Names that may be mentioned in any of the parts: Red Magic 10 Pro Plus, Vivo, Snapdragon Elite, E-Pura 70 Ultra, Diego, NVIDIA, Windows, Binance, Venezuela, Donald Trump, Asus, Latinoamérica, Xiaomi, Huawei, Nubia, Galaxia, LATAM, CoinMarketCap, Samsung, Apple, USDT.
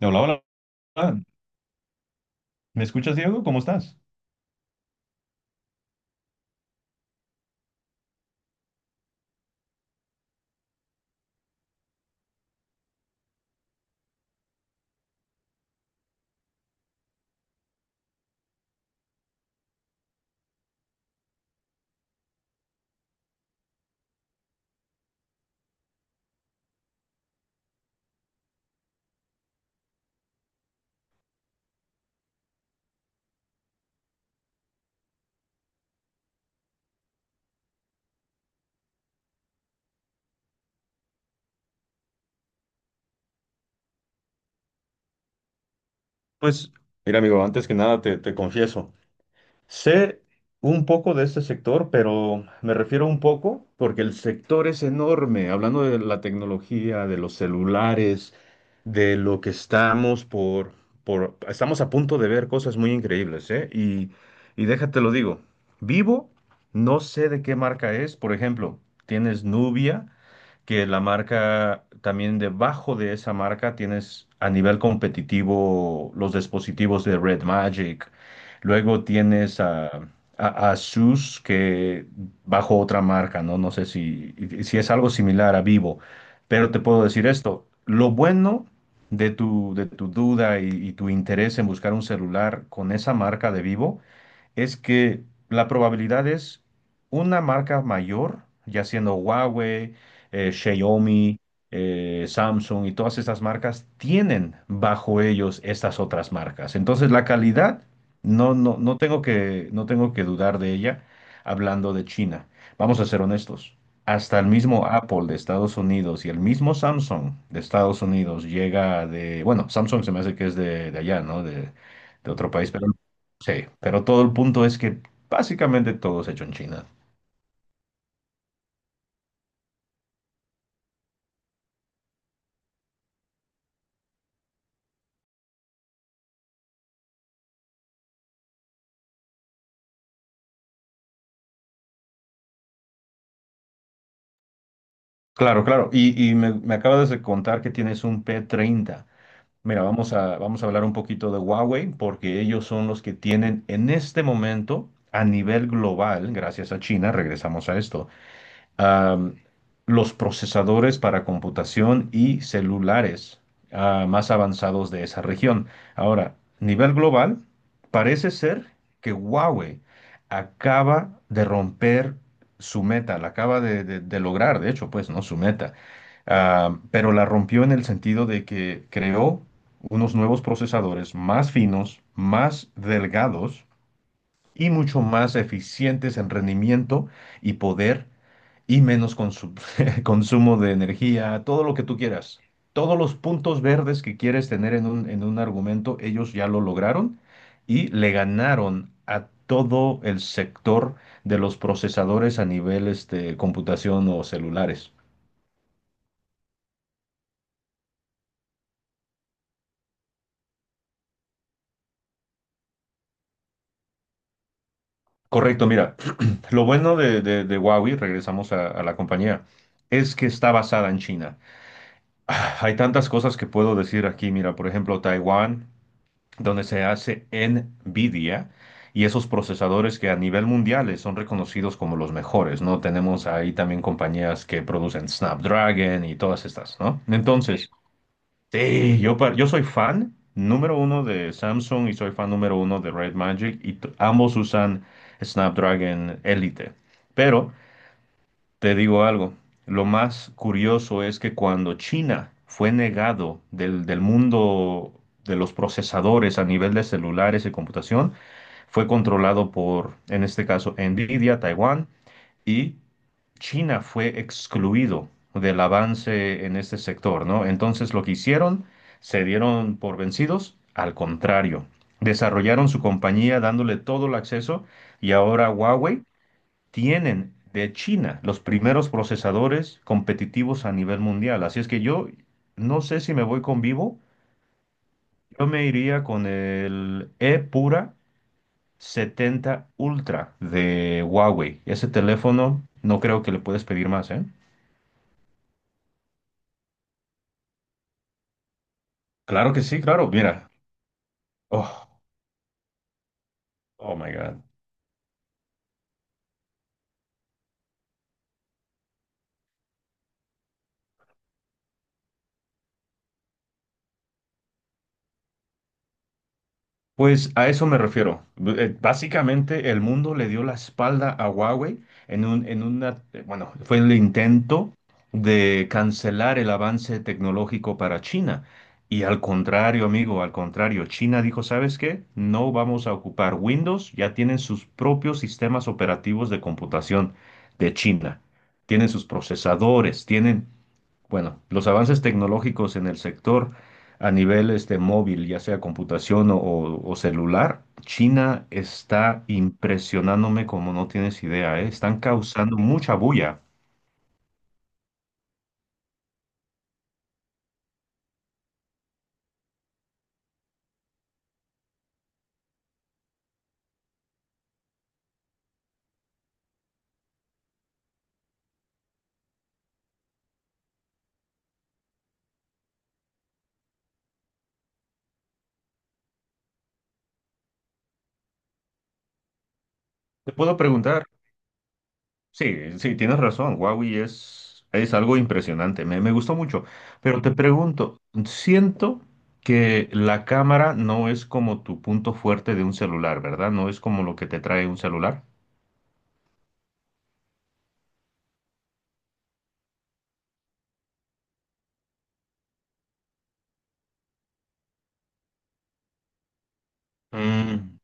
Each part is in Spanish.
Hola, hola, hola. ¿Me escuchas, Diego? ¿Cómo estás? Pues, mira, amigo, antes que nada te confieso, sé un poco de este sector, pero me refiero un poco porque el sector es enorme, hablando de la tecnología, de los celulares, de lo que estamos por, estamos a punto de ver cosas muy increíbles, ¿eh? Y déjate lo digo, Vivo, no sé de qué marca es, por ejemplo, tienes Nubia, que la marca, también debajo de esa marca tienes a nivel competitivo los dispositivos de Red Magic. Luego tienes a Asus, que bajo otra marca, ¿no? No sé si, si es algo similar a Vivo, pero te puedo decir esto. Lo bueno de tu duda y tu interés en buscar un celular con esa marca de Vivo es que la probabilidad es una marca mayor, ya siendo Huawei, Xiaomi, Samsung y todas estas marcas, tienen bajo ellos estas otras marcas. Entonces la calidad, no tengo que, no tengo que dudar de ella hablando de China. Vamos a ser honestos. Hasta el mismo Apple de Estados Unidos y el mismo Samsung de Estados Unidos llega de, bueno, Samsung se me hace que es de allá, ¿no? De otro país, pero sí, pero todo el punto es que básicamente todo es hecho en China. Claro, claro. Y me, me acabas de contar que tienes un p treinta. Mira, vamos a hablar un poquito de Huawei porque ellos son los que tienen en este momento a nivel global, gracias a China, regresamos a esto, am, los procesadores para computación y celulares más avanzados de esa región. Ahora, nivel global, parece ser que Huawei acaba de romper su meta, la acaba de lograr, de hecho, pues, ¿no? Su meta. Pero la rompió en el sentido de que creó unos nuevos procesadores más finos, más delgados y mucho más eficientes en rendimiento y poder y menos consu- consumo de energía, todo lo que tú quieras. Todos los puntos verdes que quieres tener en un argumento, ellos ya lo lograron y le ganaron a todo el sector de los procesadores a nivel este, computación o celulares. Correcto, mira, lo bueno de Huawei, regresamos a la compañía, es que está basada en China. Hay tantas cosas que puedo decir aquí, mira, por ejemplo, Taiwán, donde se hace NVIDIA y esos procesadores que a nivel mundial son reconocidos como los mejores, ¿no? Tenemos ahí también compañías que producen Snapdragon y todas estas, ¿no? Entonces, sí, yo, pa- yo soy fan número uno de Samsung y soy fan número uno de Red Magic y t- ambos usan Snapdragon Elite. Pero te digo algo, lo más curioso es que cuando China fue negado del mundo de los procesadores a nivel de celulares y computación, fue controlado por, en este caso, Nvidia, Taiwán, y China fue excluido del avance en este sector, ¿no? Entonces lo que hicieron, se dieron por vencidos, al contrario, desarrollaron su compañía dándole todo el acceso y ahora Huawei tienen de China los primeros procesadores competitivos a nivel mundial. Así es que yo no sé si me voy con Vivo, yo me iría con el E-Pura 70 Ultra de Huawei. Ese teléfono no creo que le puedes pedir más, ¿eh? Claro que sí, claro, mira. Oh, oh my God. Pues a eso me refiero. B- Básicamente el mundo le dio la espalda a Huawei en una, bueno, fue el intento de cancelar el avance tecnológico para China. Y al contrario, amigo, al contrario, China dijo, ¿sabes qué? No vamos a ocupar Windows, ya tienen sus propios sistemas operativos de computación de China. Tienen sus procesadores, tienen bueno, los avances tecnológicos en el sector a nivel este, móvil, ya sea computación o, o celular, China está impresionándome como no tienes idea, ¿eh? Están causando mucha bulla. Te puedo preguntar, sí, sí, tienes razón, Huawei es algo impresionante, me gustó mucho, pero te pregunto, siento que la cámara no es como tu punto fuerte de un celular, ¿verdad? No es como lo que te trae un celular. Mm.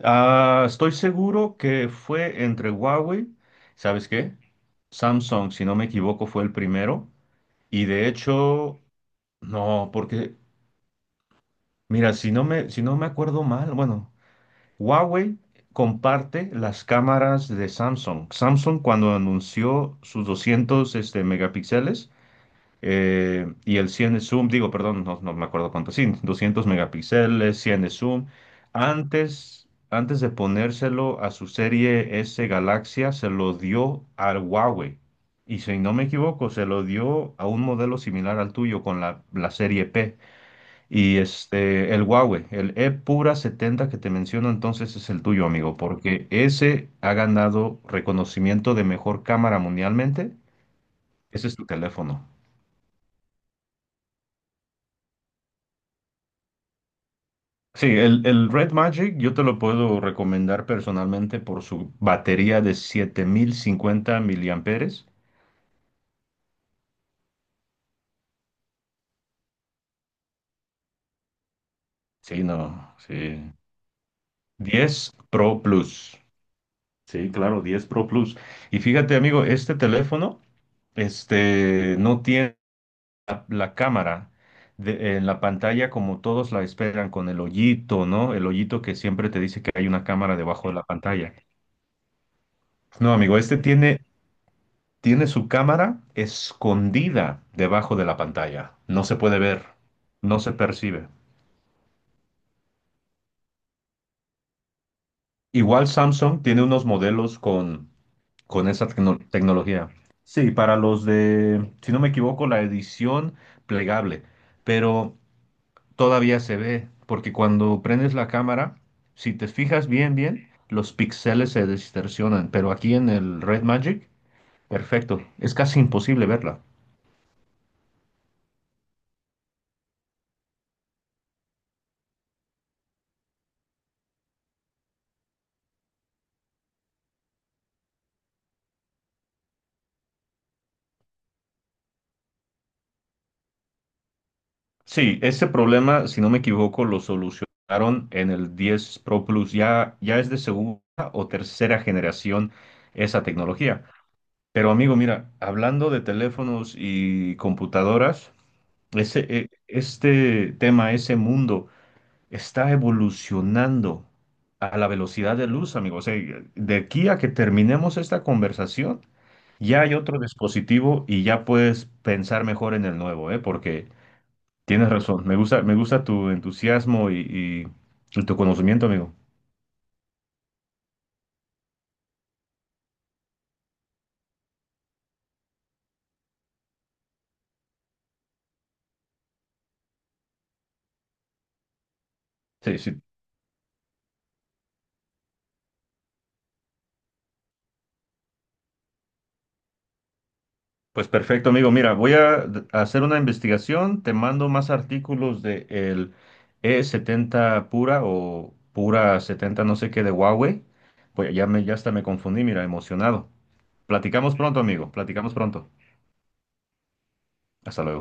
Estoy seguro que fue entre Huawei, ¿sabes qué? Samsung, si no me equivoco, fue el primero. Y de hecho, no, porque, mira, si no me acuerdo mal, bueno, Huawei comparte las cámaras de Samsung. Samsung cuando anunció sus 200, este, megapíxeles, y el 100 de zoom, digo, perdón, no, no me acuerdo cuánto, sí, 200 megapíxeles, 100 de zoom. Antes, antes de ponérselo a su serie S Galaxia, se lo dio al Huawei. Y si no me equivoco, se lo dio a un modelo similar al tuyo con la, la serie P. Y este, el Huawei, el E Pura 70 que te menciono, entonces es el tuyo, amigo, porque ese ha ganado reconocimiento de mejor cámara mundialmente. Ese es tu teléfono. Sí, el Red Magic yo te lo puedo recomendar personalmente por su batería de 7050 miliamperes. Sí, no, sí. Diez Pro Plus. Sí, claro, diez Pro Plus. Y fíjate, amigo, este teléfono este, no tiene la cámara de- en la pantalla como todos la esperan, con el hoyito, ¿no? El hoyito que siempre te dice que hay una cámara debajo de la pantalla. No, amigo, este tiene tiene su cámara escondida debajo de la pantalla. No se puede ver, no se percibe. Igual Samsung tiene unos modelos con esa tecno- tecnología. Sí, para los de, si no me equivoco, la edición plegable, pero todavía se ve, porque cuando prendes la cámara, si te fijas bien, bien, los píxeles se distorsionan, pero aquí en el Red Magic, perfecto, es casi imposible verla. Sí, este problema, si no me equivoco, lo solucionaron en el 10 Pro Plus. Ya, ya es de segunda o tercera generación esa tecnología. Pero amigo, mira, hablando de teléfonos y computadoras, ese, este tema, ese mundo está evolucionando a la velocidad de luz, amigo. O sea, de aquí a que terminemos esta conversación, ya hay otro dispositivo y ya puedes pensar mejor en el nuevo, ¿eh? Porque... Tienes razón. Me gusta tu entusiasmo y, y tu conocimiento, amigo. Sí, sí. Pues perfecto, amigo. Mira, voy a d- hacer una investigación. Te mando más artículos de el e setenta Pura o Pura setenta, no sé qué de Huawei. Pues ya me, ya hasta me confundí, mira, emocionado. Platicamos pronto, amigo. Platicamos pronto. Hasta luego.